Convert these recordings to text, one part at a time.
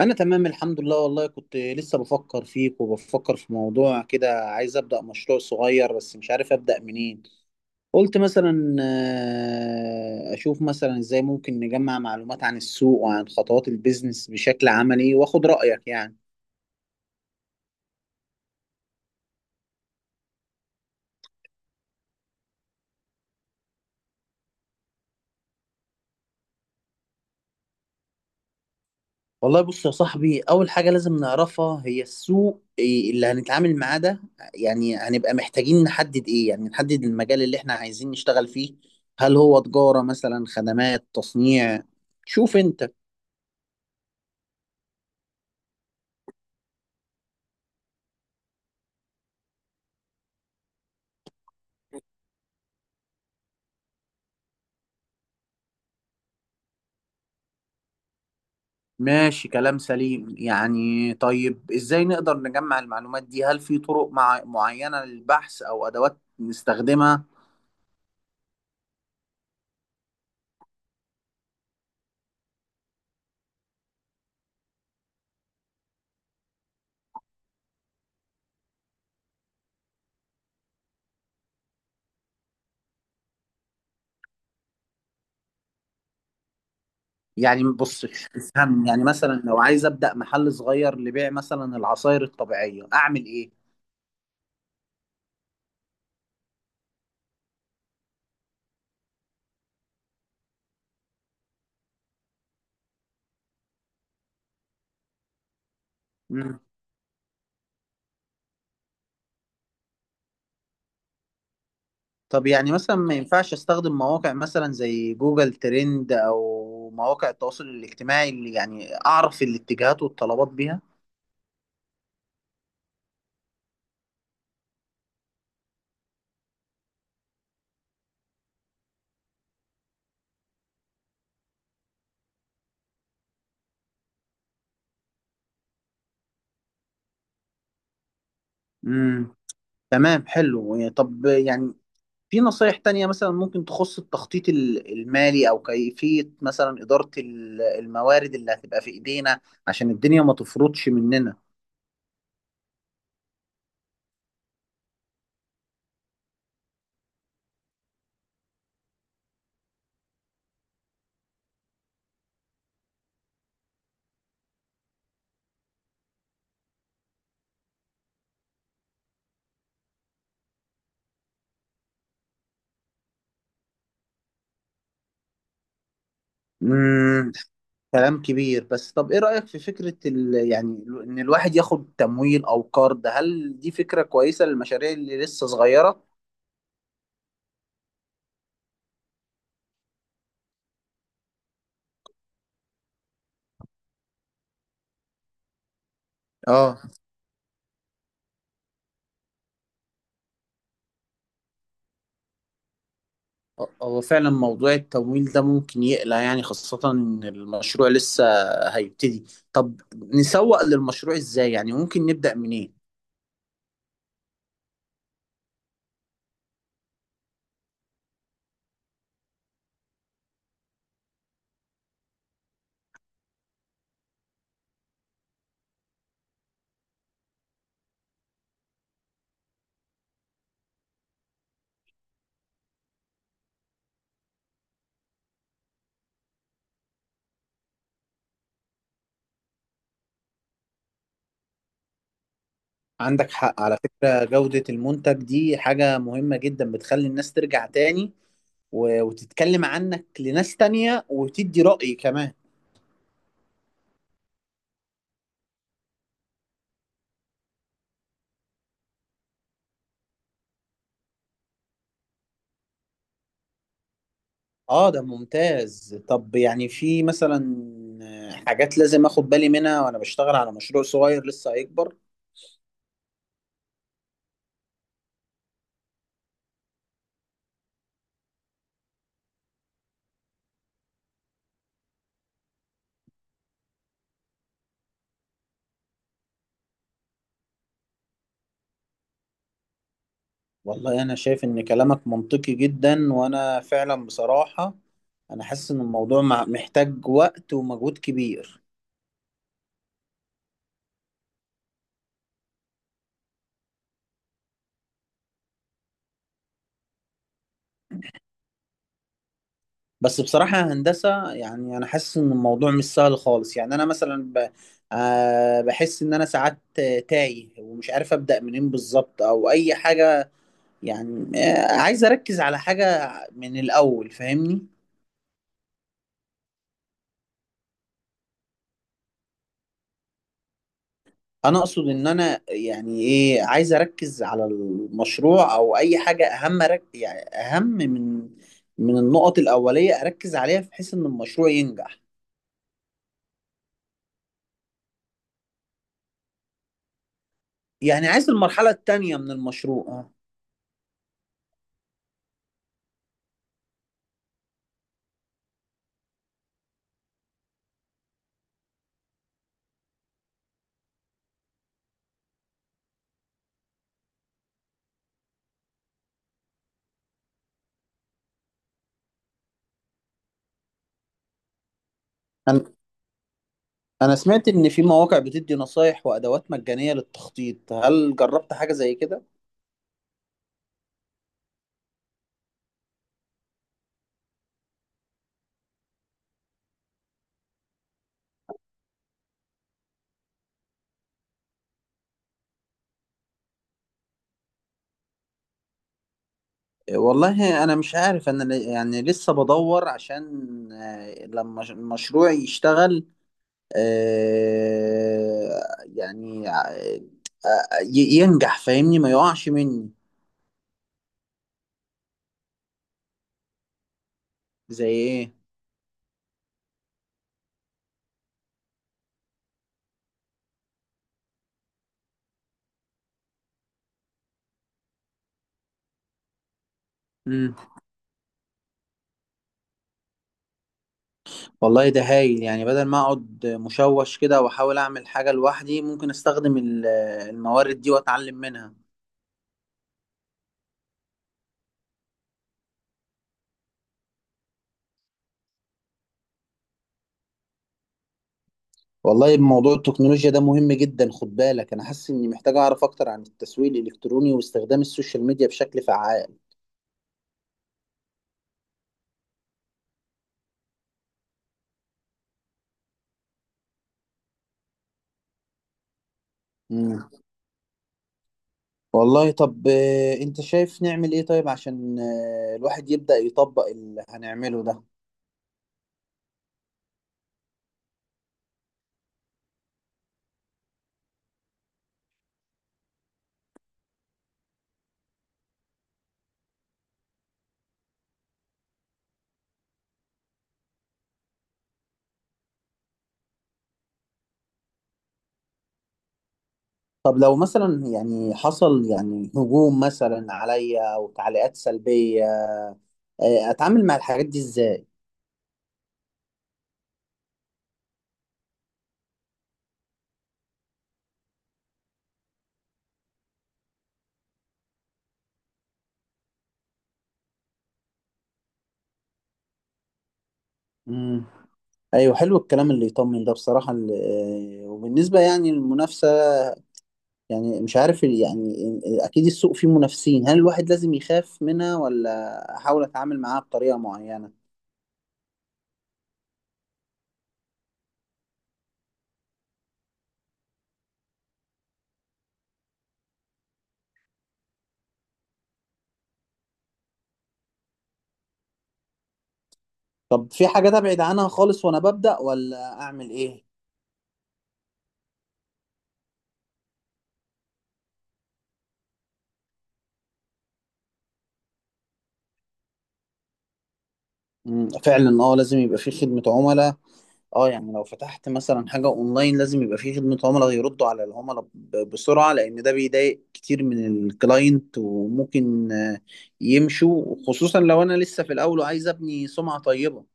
انا تمام، الحمد لله. والله كنت لسه بفكر فيك وبفكر في موضوع كده، عايز ابدا مشروع صغير بس مش عارف ابدا منين. قلت مثلا اشوف مثلا ازاي ممكن نجمع معلومات عن السوق وعن خطوات البيزنس بشكل عملي واخد رايك يعني. والله بص يا صاحبي، اول حاجه لازم نعرفها هي السوق إيه اللي هنتعامل معاه ده. يعني هنبقى محتاجين نحدد ايه، يعني نحدد المجال اللي احنا عايزين نشتغل فيه. هل هو تجاره مثلا، خدمات، تصنيع؟ شوف انت. ماشي، كلام سليم يعني. طيب ازاي نقدر نجمع المعلومات دي؟ هل في طرق معينة للبحث او ادوات نستخدمها؟ يعني بص، افهم يعني مثلا لو عايز ابدأ محل صغير لبيع مثلا العصائر الطبيعية، اعمل ايه؟ مم. طب يعني مثلا ما ينفعش استخدم مواقع مثلا زي جوجل ترند او مواقع التواصل الاجتماعي اللي يعني اعرف الاتجاهات والطلبات بيها؟ امم. تمام، حلو. طب يعني في نصايح تانية مثلا ممكن تخص التخطيط المالي، أو كيفية مثلا إدارة الموارد اللي هتبقى في إيدينا عشان الدنيا ما تفرطش مننا؟ مم. كلام كبير. بس طب إيه رأيك في فكرة إن الواحد ياخد تمويل أو قرض؟ هل دي فكرة كويسة للمشاريع اللي لسه صغيرة؟ اه، هو فعلا موضوع التمويل ده ممكن يقلق يعني، خاصة إن المشروع لسه هيبتدي. طب نسوق للمشروع إزاي؟ يعني ممكن نبدأ منين؟ عندك حق على فكرة، جودة المنتج دي حاجة مهمة جدا، بتخلي الناس ترجع تاني وتتكلم عنك لناس تانية وتدي رأي كمان. اه ده ممتاز. طب يعني في مثلا حاجات لازم اخد بالي منها وانا بشتغل على مشروع صغير لسه هيكبر؟ والله انا شايف ان كلامك منطقي جدا، وانا فعلا بصراحة انا حاسس ان الموضوع محتاج وقت ومجهود كبير. بس بصراحة يا هندسة يعني أنا حاسس إن الموضوع مش سهل خالص. يعني أنا مثلا ب... آه بحس إن أنا ساعات تايه ومش عارف أبدأ منين بالظبط أو أي حاجة. يعني عايز أركز على حاجة من الأول، فاهمني؟ أنا أقصد إن أنا يعني إيه، عايز أركز على المشروع أو أي حاجة أهم، يعني أهم من من النقط الأولية أركز عليها بحيث إن المشروع ينجح. يعني عايز المرحلة التانية من المشروع. آه. أنا سمعت إن في مواقع بتدي نصايح وأدوات مجانية للتخطيط، هل جربت حاجة زي كده؟ والله أنا مش عارف، أنا يعني لسه بدور عشان لما المشروع يشتغل، آه، يعني آه، ينجح، فاهمني؟ ما يقعش مني. زي إيه؟ مم. والله ده هايل، يعني بدل ما أقعد مشوش كده وأحاول أعمل حاجة لوحدي، ممكن أستخدم الموارد دي وأتعلم منها. والله موضوع التكنولوجيا ده مهم جدا، خد بالك، انا حاسس اني محتاج اعرف اكتر عن التسويق الالكتروني واستخدام السوشيال ميديا بشكل فعال. مم. والله طب انت شايف نعمل ايه طيب عشان الواحد يبدأ يطبق اللي هنعمله ده؟ طب لو مثلا يعني حصل يعني هجوم مثلا عليا او تعليقات سلبية، اتعامل مع الحاجات دي ازاي؟ مم. ايوه، حلو الكلام اللي يطمن ده بصراحة. وبالنسبة يعني للمنافسة، يعني مش عارف اكيد السوق فيه منافسين، هل الواحد لازم يخاف منها ولا احاول اتعامل معاها بطريقة معينة؟ طب في حاجات ابعد عنها خالص وانا ببدأ، ولا اعمل ايه؟ مم، فعلا، اه لازم يبقى في خدمة عملاء. اه يعني لو فتحت مثلا حاجة اونلاين لازم يبقى في خدمة عملاء يردوا على العملاء بسرعة، لان ده بيضايق كتير من الكلاينت وممكن يمشوا، خصوصا لو انا لسه في الاول وعايز ابني سمعة طيبة.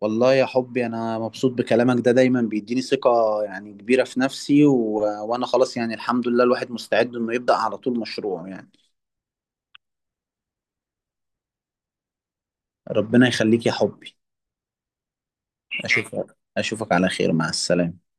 والله يا حبي انا مبسوط بكلامك ده، دايما بيديني ثقة يعني كبيرة في نفسي. وانا خلاص يعني، الحمد لله، الواحد مستعد انه يبدأ على طول مشروع يعني. ربنا يخليك يا حبي. اشوفك اشوفك على خير، مع السلامة.